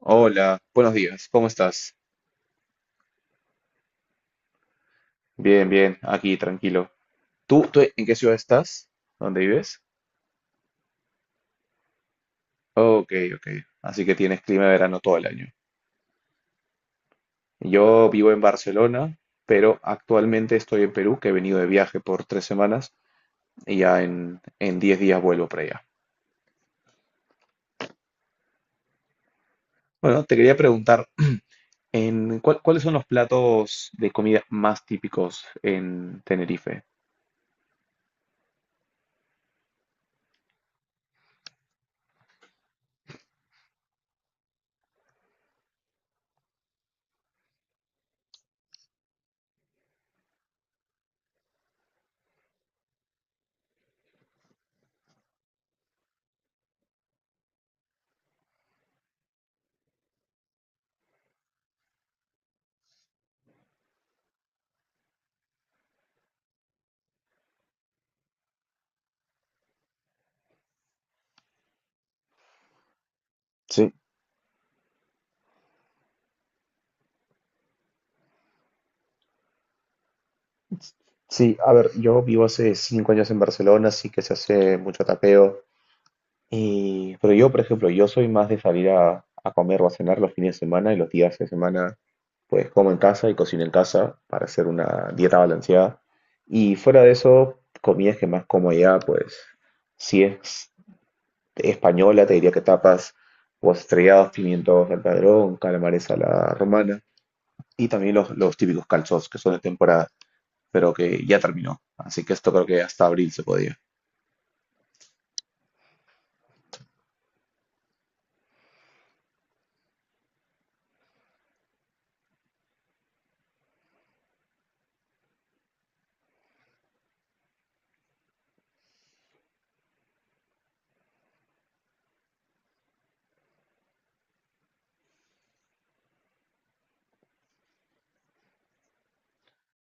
Hola, buenos días, ¿cómo estás? Bien, bien, aquí, tranquilo. ¿Tú en qué ciudad estás? ¿Dónde vives? Ok, ok. Así que tienes clima de verano todo el año. Yo vivo en Barcelona, pero actualmente estoy en Perú, que he venido de viaje por 3 semanas y ya en 10 días vuelvo para allá. Bueno, te quería preguntar, ¿ cuáles son los platos de comida más típicos en Tenerife? Sí, sí, a ver, yo vivo hace 5 años en Barcelona, así que se hace mucho tapeo. Y pero yo, por ejemplo, yo soy más de salir a comer o a cenar los fines de semana, y los días de semana pues como en casa y cocino en casa para hacer una dieta balanceada. Y fuera de eso, comidas que más como allá, pues si es española, te diría que tapas o estrellados, pimientos al padrón, calamares a la romana, y también los típicos calzos que son de temporada, pero que ya terminó. Así que esto creo que hasta abril se podía.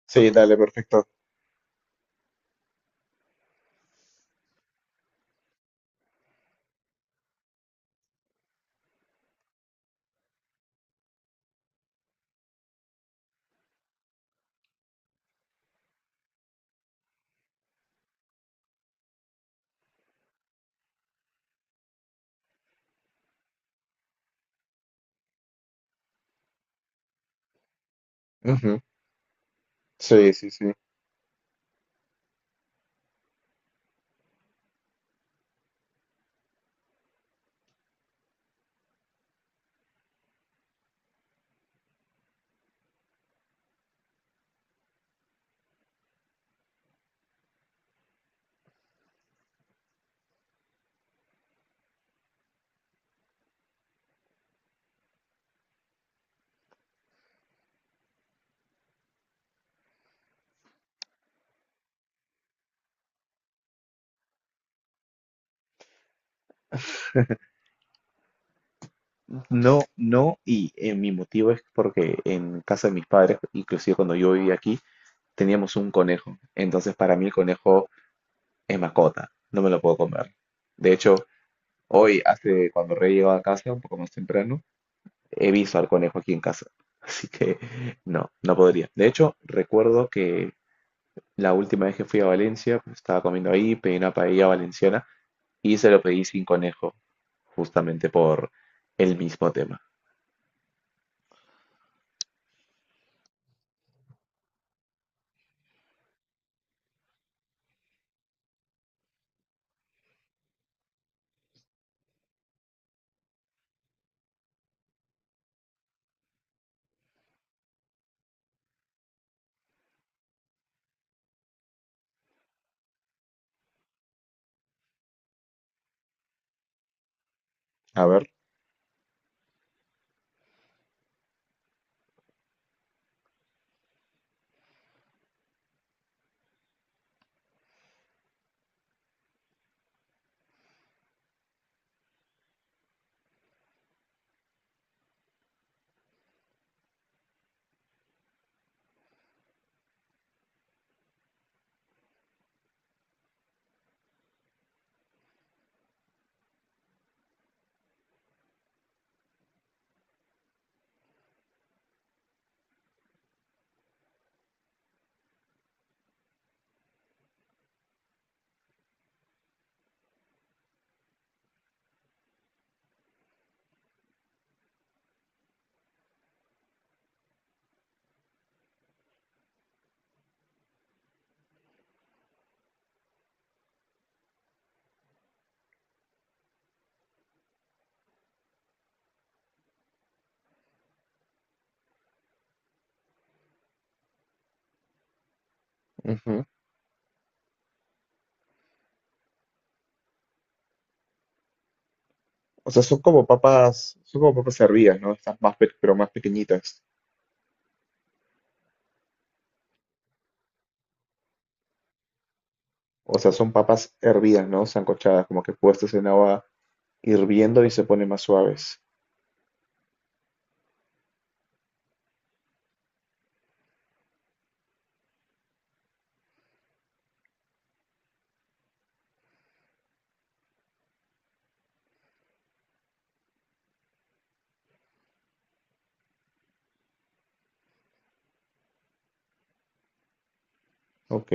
Sí, dale, perfecto. Ujú. Sí, sí, sí. No, no, y mi motivo es porque en casa de mis padres, inclusive cuando yo vivía aquí, teníamos un conejo. Entonces para mí el conejo es mascota, no me lo puedo comer. De hecho, hoy, hace cuando Rey llegó a casa, un poco más temprano, he visto al conejo aquí en casa. Así que no, no podría. De hecho, recuerdo que la última vez que fui a Valencia, pues, estaba comiendo ahí, pedí una paella valenciana y se lo pedí sin conejo, justamente por el mismo tema. A ver. O sea, son como papas hervidas, ¿no? Estas más, pero más pequeñitas. O sea, son papas hervidas, ¿no? Sancochadas, como que puestas en agua hirviendo y se ponen más suaves. Ok.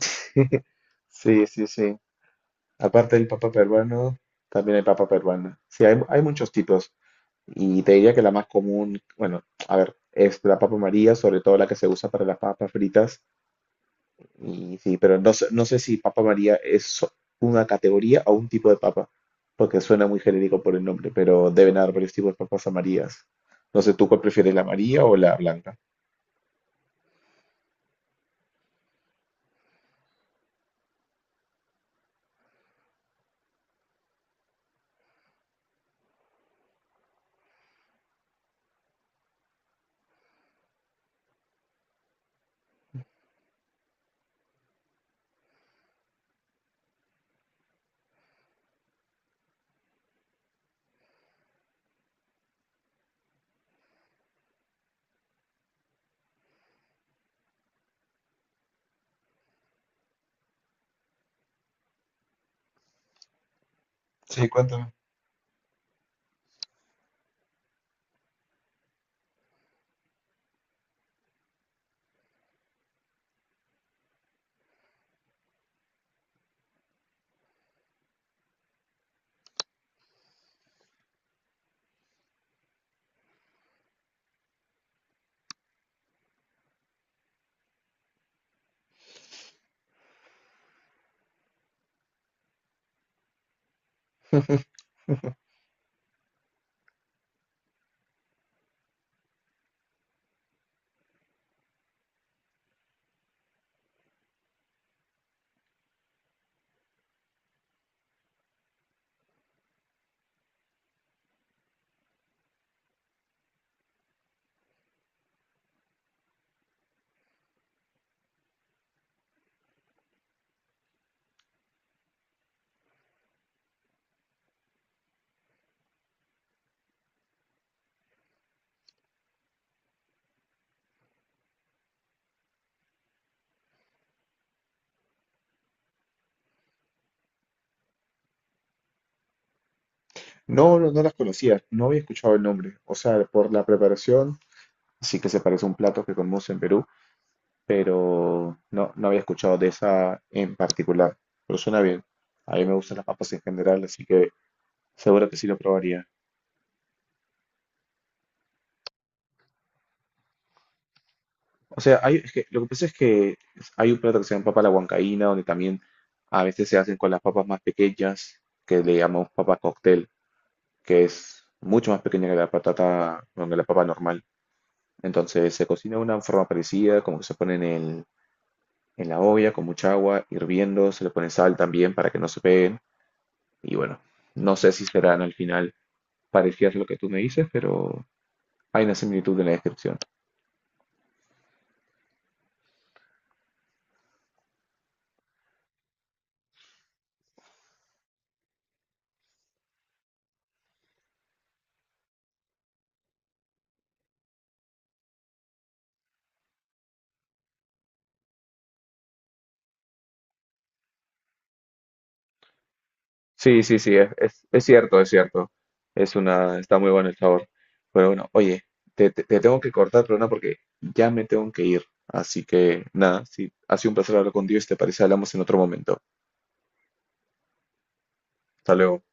Sí, sí, sí. Aparte del papa peruano, también hay papa peruana. Sí, hay muchos tipos. Y te diría que la más común, bueno, a ver, es la papa María, sobre todo la que se usa para las papas fritas. Y sí, pero no, no sé si Papa María es una categoría o un tipo de papa, porque suena muy genérico por el nombre, pero deben haber varios tipos de papas a Marías. No sé, ¿tú cuál prefieres, la amarilla o la blanca? Sí, cuéntame. No, no, no las conocía, no había escuchado el nombre. O sea, por la preparación, sí que se parece a un plato que comemos en Perú, pero no, no había escuchado de esa en particular. Pero suena bien. A mí me gustan las papas en general, así que seguro que sí lo probaría. O sea, hay, es que, lo que pasa es que hay un plato que se llama papa a la huancaína, donde también a veces se hacen con las papas más pequeñas, que le llamamos papa cóctel, que es mucho más pequeña que la patata, bueno, que la papa normal. Entonces se cocina de una forma parecida, como que se pone en en la olla con mucha agua hirviendo, se le pone sal también para que no se peguen. Y bueno, no sé si serán al final parecidas a lo que tú me dices, pero hay una similitud en la descripción. Sí, sí, sí, es, es cierto, es cierto. Es una, está muy bueno el sabor. Pero bueno, oye, te, te tengo que cortar, pero no porque ya me tengo que ir. Así que nada, sí, ha sido un placer hablar contigo y si te parece, hablamos en otro momento. Hasta luego.